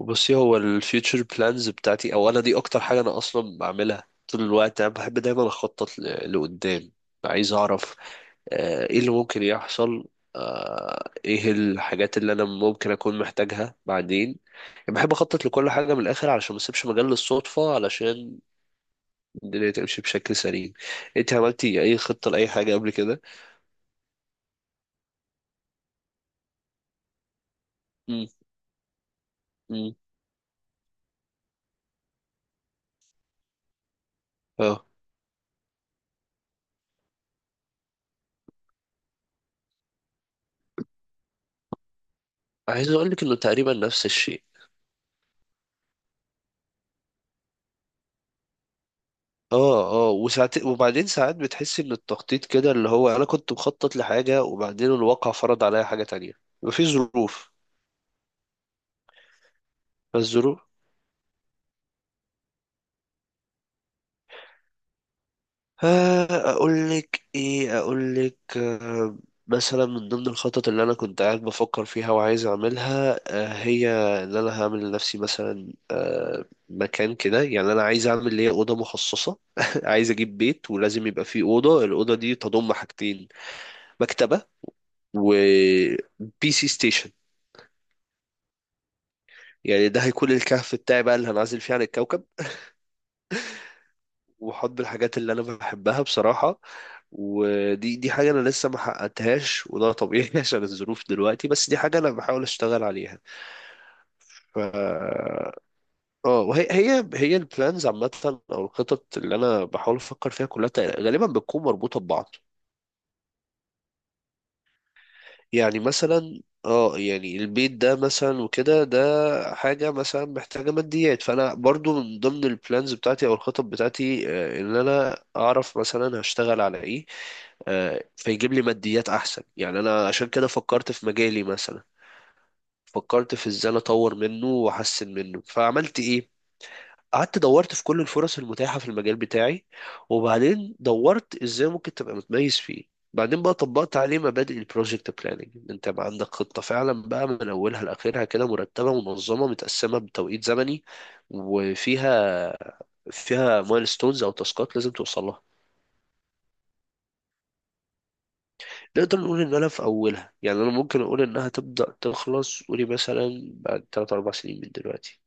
بصي، هو الفيوتشر بلانز بتاعتي، او انا دي اكتر حاجه انا اصلا بعملها طول الوقت. انا بحب دايما اخطط لقدام. عايز اعرف ايه اللي ممكن يحصل، ايه الحاجات اللي انا ممكن اكون محتاجها بعدين. يعني بحب اخطط لكل حاجه من الاخر علشان ما اسيبش مجال للصدفه، علشان الدنيا تمشي بشكل سليم. انت عملتي اي خطه لاي حاجه قبل كده؟ امم. امم. اه. عايز اقول لك انه تقريبا نفس الشيء. اه، اه، وبعدين ساعات بتحس ان التخطيط كده، اللي هو انا كنت مخطط لحاجة وبعدين الواقع فرض عليا حاجة تانية. مفيش ظروف. فالظروف، آه، اقول لك ايه، اقول لك آه، مثلا من ضمن الخطط اللي انا كنت قاعد بفكر فيها وعايز اعملها، هي ان انا هعمل لنفسي مثلا مكان كده. يعني انا عايز اعمل ليا اوضه مخصصه عايز اجيب بيت ولازم يبقى فيه اوضه. الاوضه دي تضم حاجتين: مكتبه وبي سي ستيشن. يعني ده هيكون الكهف بتاعي بقى، اللي هنعزل فيه عن الكوكب وحط الحاجات اللي انا بحبها بصراحة. ودي حاجة انا لسه ما حققتهاش، وده طبيعي عشان الظروف دلوقتي، بس دي حاجة انا بحاول اشتغل عليها. ف اه، وهي هي هي البلانز عامة، او الخطط اللي انا بحاول افكر فيها كلها غالبا بتكون مربوطة ببعض. يعني مثلا يعني البيت ده مثلا وكده. ده حاجة مثلا محتاجة ماديات، فأنا برضو من ضمن البلانز بتاعتي أو الخطط بتاعتي، إن أنا أعرف مثلا هشتغل على إيه، فيجيب لي ماديات أحسن. يعني أنا عشان كده فكرت في مجالي مثلا، فكرت في إزاي أنا أطور منه وأحسن منه، فعملت إيه؟ قعدت دورت في كل الفرص المتاحة في المجال بتاعي، وبعدين دورت ازاي ممكن تبقى متميز فيه. بعدين بقى طبقت عليه مبادئ البروجكت بلاننج، ان انت بقى عندك خطة فعلا بقى من اولها لاخرها كده، مرتبة منظمة متقسمة بتوقيت زمني، وفيها مايلستونز او تاسكات لازم توصل لها. نقدر نقول ان انا في اولها. يعني انا ممكن اقول انها تبدأ تخلص قولي مثلا بعد 3 4 سنين من دلوقتي.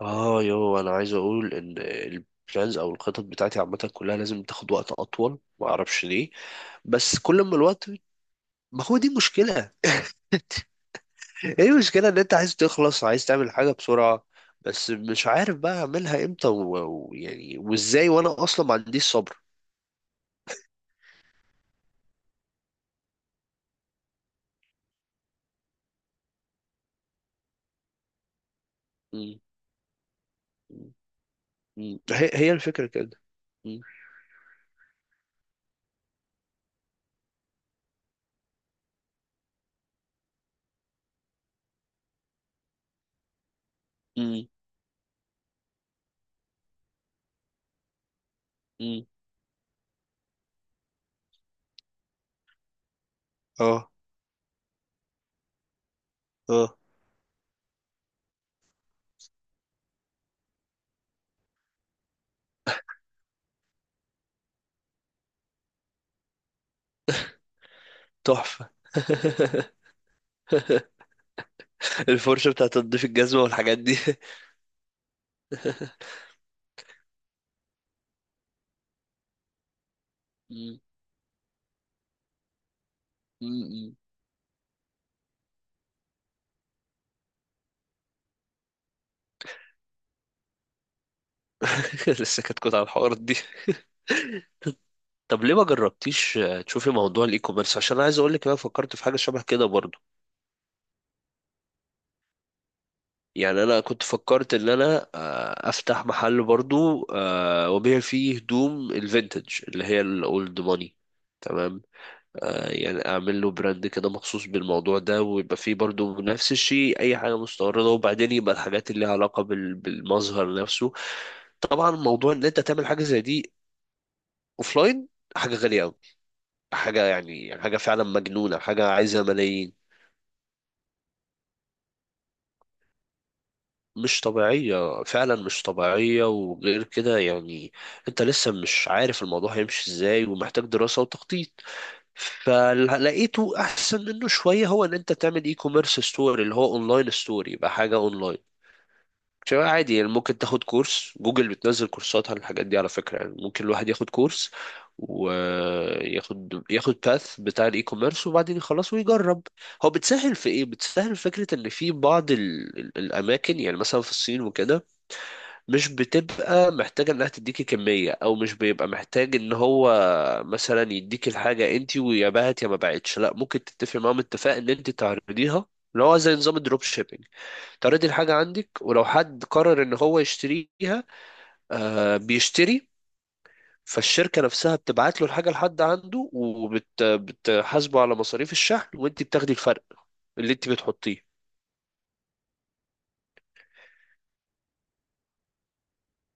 اه، انا عايز اقول ان البلانز او الخطط بتاعتي عامه كلها لازم تاخد وقت اطول، ما اعرفش ليه. بس كل ما الوقت. ما هو دي مشكله. هي المشكله ان انت عايز تخلص، عايز تعمل حاجه بسرعه، بس مش عارف بقى اعملها امتى ويعني وازاي، وانا اصلا ما عنديش صبر. م- م- هي الفكره كده. م- م- م. اه، اه، تحفه. الفرشه بتاعت تنظيف الجزمه والحاجات دي. م- م- لسه كنت على الحوارات دي. طب ليه ما جربتيش تشوفي موضوع الاي كوميرس؟ عشان انا عايز اقول لك، انا فكرت في حاجه شبه كده برضو. يعني انا كنت فكرت ان انا افتح محل برضو، وابيع فيه هدوم الفينتج اللي هي الاولد ماني. تمام. يعني اعمل له براند كده مخصوص بالموضوع ده، ويبقى فيه برضو نفس الشيء اي حاجه مستورده، وبعدين يبقى الحاجات اللي لها علاقه بالمظهر نفسه. طبعا موضوع ان انت تعمل حاجه زي دي اوفلاين حاجه غاليه قوي. حاجة يعني حاجة فعلا مجنونة، حاجة عايزة ملايين. مش طبيعية فعلا، مش طبيعية. وغير كده يعني انت لسه مش عارف الموضوع هيمشي ازاي ومحتاج دراسة وتخطيط. فلقيته احسن منه شوية، هو ان انت تعمل اي كوميرس ستوري، اللي هو اونلاين ستوري، يبقى حاجة اونلاين. شباب عادي يعني. ممكن تاخد كورس جوجل، بتنزل كورسات عن الحاجات دي على فكرة. يعني ممكن الواحد ياخد كورس وياخد باث بتاع الاي كوميرس، وبعدين يخلص ويجرب. هو بتسهل في ايه؟ بتسهل فكرة ان في بعض الاماكن، يعني مثلا في الصين وكده، مش بتبقى محتاجة انها تديكي كمية، او مش بيبقى محتاج ان هو مثلا يديكي الحاجة انتي ويا بعت يا ما بعتش. لا، ممكن تتفق معاهم اتفاق ان انت تعرضيها، اللي هو زي نظام الدروب شيبينج. تعرضي الحاجة عندك، ولو حد قرر ان هو يشتريها، بيشتري. فالشركة نفسها بتبعت له الحاجة لحد عنده، وبتحاسبه على مصاريف الشحن، وانت بتاخدي الفرق اللي انت بتحطيه.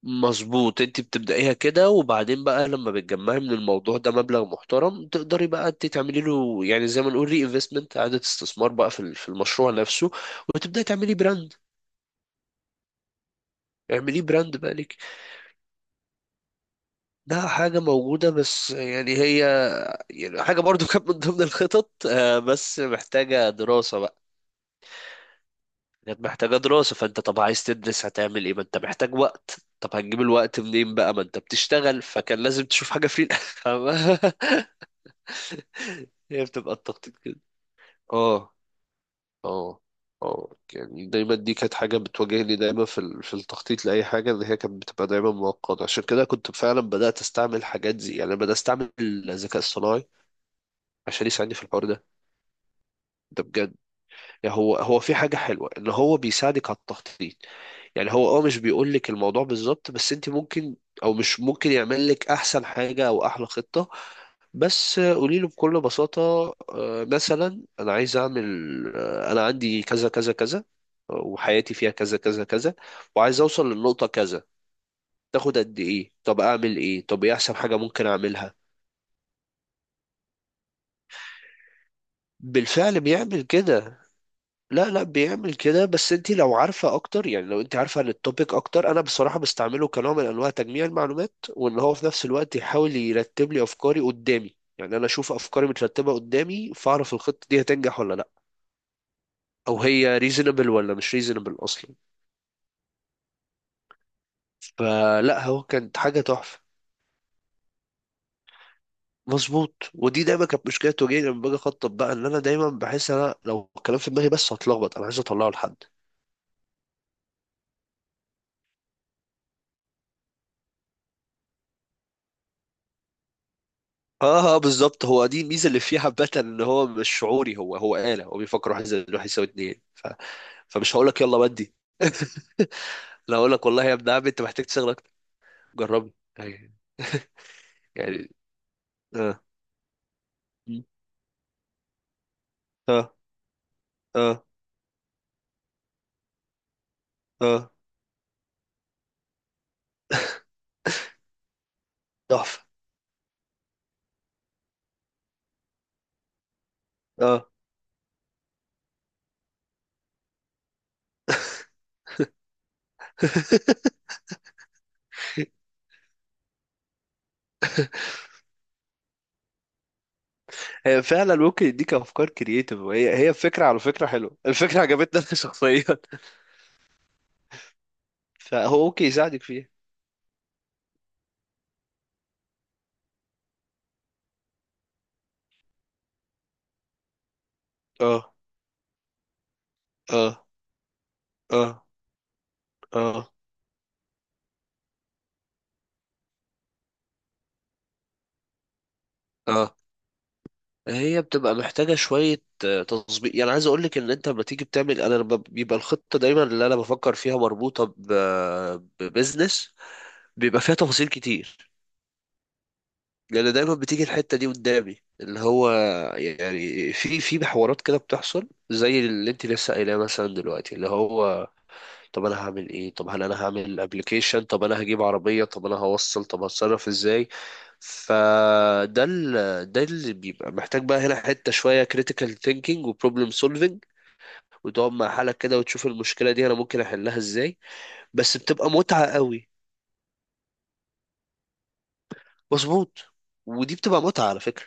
مظبوط. انت بتبدأيها كده، وبعدين بقى لما بتجمعي من الموضوع ده مبلغ محترم، تقدري بقى انت تعملي له يعني زي ما نقول ري انفستمنت، اعادة استثمار بقى في المشروع نفسه، وتبدأي تعملي براند. اعمليه براند بقى لك. ده حاجة موجودة، بس يعني هي، يعني حاجة برضو كانت من ضمن الخطط، بس محتاجة دراسة بقى. كانت محتاجة دراسة. فانت طب عايز تدرس هتعمل ايه؟ ما انت محتاج وقت. طب هتجيب الوقت منين بقى ما انت بتشتغل؟ فكان لازم تشوف حاجة فريلانس. فاهمة؟ هي بتبقى التخطيط كده. اه. اه. اه، يعني دايما دي كانت حاجة بتواجهني دايما في التخطيط لأي حاجة، ان هي كانت بتبقى دايما معقدة. عشان كده كنت فعلا بدأت استعمل حاجات زي يعني، أنا بدأت استعمل الذكاء الصناعي عشان يساعدني في الحوار ده. ده بجد. يعني هو في حاجة حلوة ان هو بيساعدك على التخطيط. يعني هو، مش بيقول لك الموضوع بالظبط، بس انت ممكن، او مش ممكن يعمل لك احسن حاجة او احلى خطة، بس قولي له بكل بساطة: مثلا انا عايز اعمل، انا عندي كذا كذا كذا، وحياتي فيها كذا كذا كذا، وعايز اوصل للنقطة كذا. تاخد قد ايه؟ طب اعمل ايه؟ طب ايه احسن حاجة ممكن اعملها؟ بالفعل بيعمل كده. لا، لا، بيعمل كده، بس انت لو عارفه اكتر، يعني لو انت عارفه عن التوبيك اكتر. انا بصراحه بستعمله كنوع من انواع تجميع المعلومات، وان هو في نفس الوقت يحاول يرتب لي افكاري قدامي. يعني انا اشوف افكاري مترتبه قدامي، فاعرف الخطه دي هتنجح ولا لا، او هي ريزونبل ولا مش ريزونبل اصلا. فلا، هو كانت حاجه تحفه. مظبوط. ودي دايما كانت مشكله تواجهني لما باجي اخطط بقى، ان انا دايما بحس انا لو الكلام في دماغي بس هتلخبط. انا عايز اطلعه لحد. اه، اه، بالظبط. هو دي الميزه اللي فيه حبه، ان هو مش شعوري. هو آلة. هو بيفكر واحد زائد واحد يساوي اتنين. فمش هقول لك يلا بدي. لا، هقول لك والله يا ابن عم انت محتاج تشتغل اكتر. جربني. يعني. يعني. اه. اه. اه. اه. تحفه. اه. هي فعلا ممكن يديك افكار كرييتيف. وهي فكره، على فكره حلوه الفكره، عجبتني انا شخصيا. فهو ممكن يساعدك فيها. اه. اه. اه. اه. اه. هي بتبقى محتاجة شوية تظبيط. يعني عايز أقولك إن أنت لما تيجي بتعمل أنا، لما بيبقى الخطة دايما اللي أنا بفكر فيها مربوطة ببزنس، بيبقى فيها تفاصيل كتير، لأن دايما بتيجي الحتة دي قدامي، اللي هو يعني في حوارات كده بتحصل زي اللي أنت لسه قايلاه مثلا دلوقتي، اللي هو: طب انا هعمل ايه؟ طب هل انا هعمل ابلكيشن؟ طب انا هجيب عربية؟ طب انا هوصل؟ طب هتصرف ازاي؟ فده، ده اللي بيبقى محتاج بقى هنا حتة شوية critical thinking و problem solving، وتقعد مع حالك كده وتشوف المشكلة دي انا ممكن احلها ازاي. بس بتبقى متعة قوي. مظبوط. ودي بتبقى متعة على فكرة.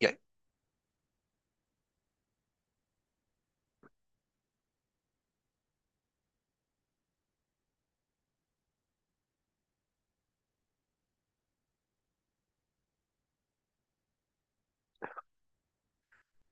يعني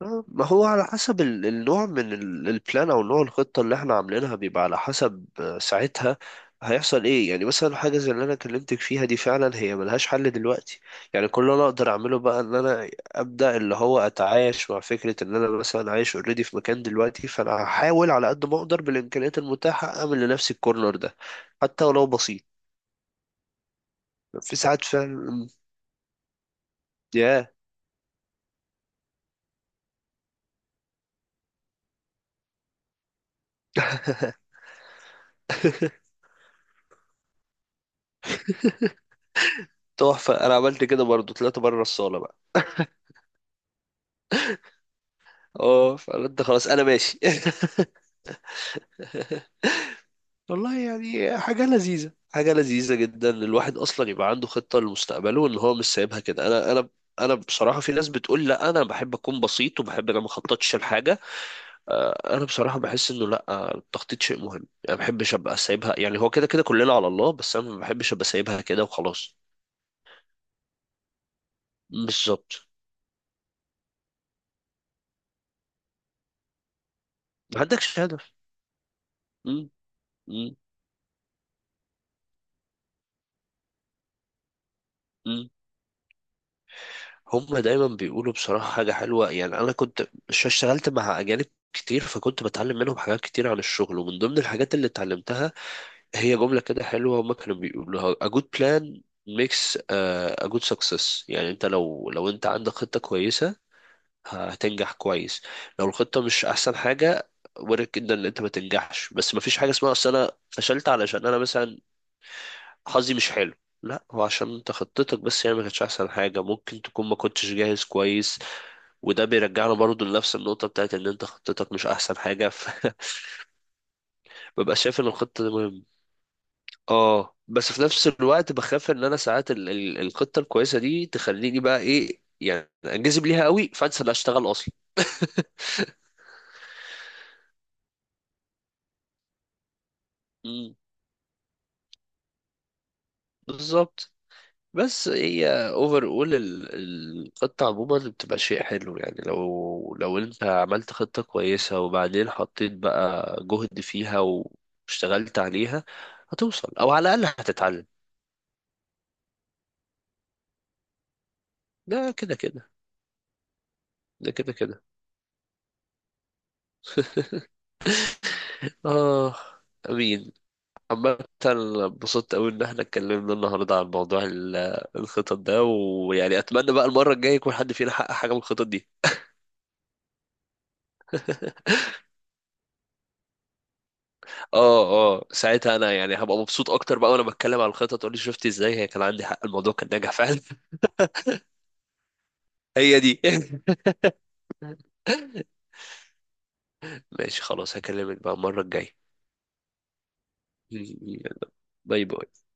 ما هو على حسب النوع من البلان، او نوع الخطه اللي احنا عاملينها، بيبقى على حسب ساعتها هيحصل ايه. يعني مثلا حاجه زي اللي انا كلمتك فيها دي فعلا هي ملهاش حل دلوقتي. يعني كل اللي انا اقدر اعمله بقى ان انا ابدا، اللي هو اتعايش مع فكره ان انا مثلا عايش اوريدي في مكان دلوقتي، فانا هحاول على قد ما اقدر بالامكانيات المتاحه اعمل لنفسي الكورنر ده، حتى ولو بسيط. في ساعات فعلا. ياه. تحفه. انا عملت كده برضو، طلعت بره الصاله. اه، فقلت خلاص انا ماشي. والله يعني حاجة لذيذة، حاجة لذيذة جدا، إن الواحد أصلا يبقى عنده خطة لمستقبله، وإن هو مش سايبها كده. أنا بصراحة، في ناس بتقول لا، أنا بحب أكون بسيط وبحب أنا ما أخططش لحاجة. أنا بصراحة بحس إنه لا، التخطيط شيء مهم. يعني ما بحبش أبقى سايبها. يعني هو كده كده كلنا على الله، بس أنا ما بحبش أبقى سايبها كده وخلاص. بالظبط. ما عندكش هدف. م- م- م. هم دايما بيقولوا بصراحة حاجة حلوة. يعني أنا كنت اشتغلت مع أجانب كتير، فكنت بتعلم منهم حاجات كتير عن الشغل، ومن ضمن الحاجات اللي اتعلمتها هي جملة كده حلوة، هما كانوا بيقولوها: a good plan makes a good success. يعني أنت لو أنت عندك خطة كويسة هتنجح كويس. لو الخطة مش أحسن حاجة، وارد جدا إن أنت ما تنجحش. بس ما فيش حاجة اسمها أصل أنا فشلت علشان أنا مثلا حظي مش حلو. لا، هو عشان انت خطتك بس هي ما كانتش احسن حاجه، ممكن تكون ما كنتش جاهز كويس. وده بيرجعنا برضو لنفس النقطة بتاعت إن أنت خطتك مش أحسن حاجة، فببقى شايف إن الخطة دي مهمة. أه، بس في نفس الوقت بخاف إن أنا ساعات الخطة الكويسة دي تخليني بقى إيه، يعني أنجذب ليها قوي، فأنسى إن أشتغل أصلا. مم، بالظبط. بس هي اوفر اول الخطة عموما بتبقى شيء حلو. يعني لو انت عملت خطة كويسة وبعدين حطيت بقى جهد فيها واشتغلت عليها، هتوصل او على الاقل هتتعلم. ده كده كده. ده كده كده. اه. امين. عامة، انبسطت قوي ان احنا اتكلمنا النهارده عن موضوع الخطط ده، ويعني اتمنى بقى المره الجايه يكون حد فينا حقق حاجه من الخطط دي. اه، اه، ساعتها انا يعني هبقى مبسوط اكتر بقى وانا بتكلم عن الخطط، تقول لي شفت ازاي هي، كان عندي حق، الموضوع كان ناجح فعلا. هي دي. ماشي خلاص، هكلمك بقى المره الجايه. باي باي.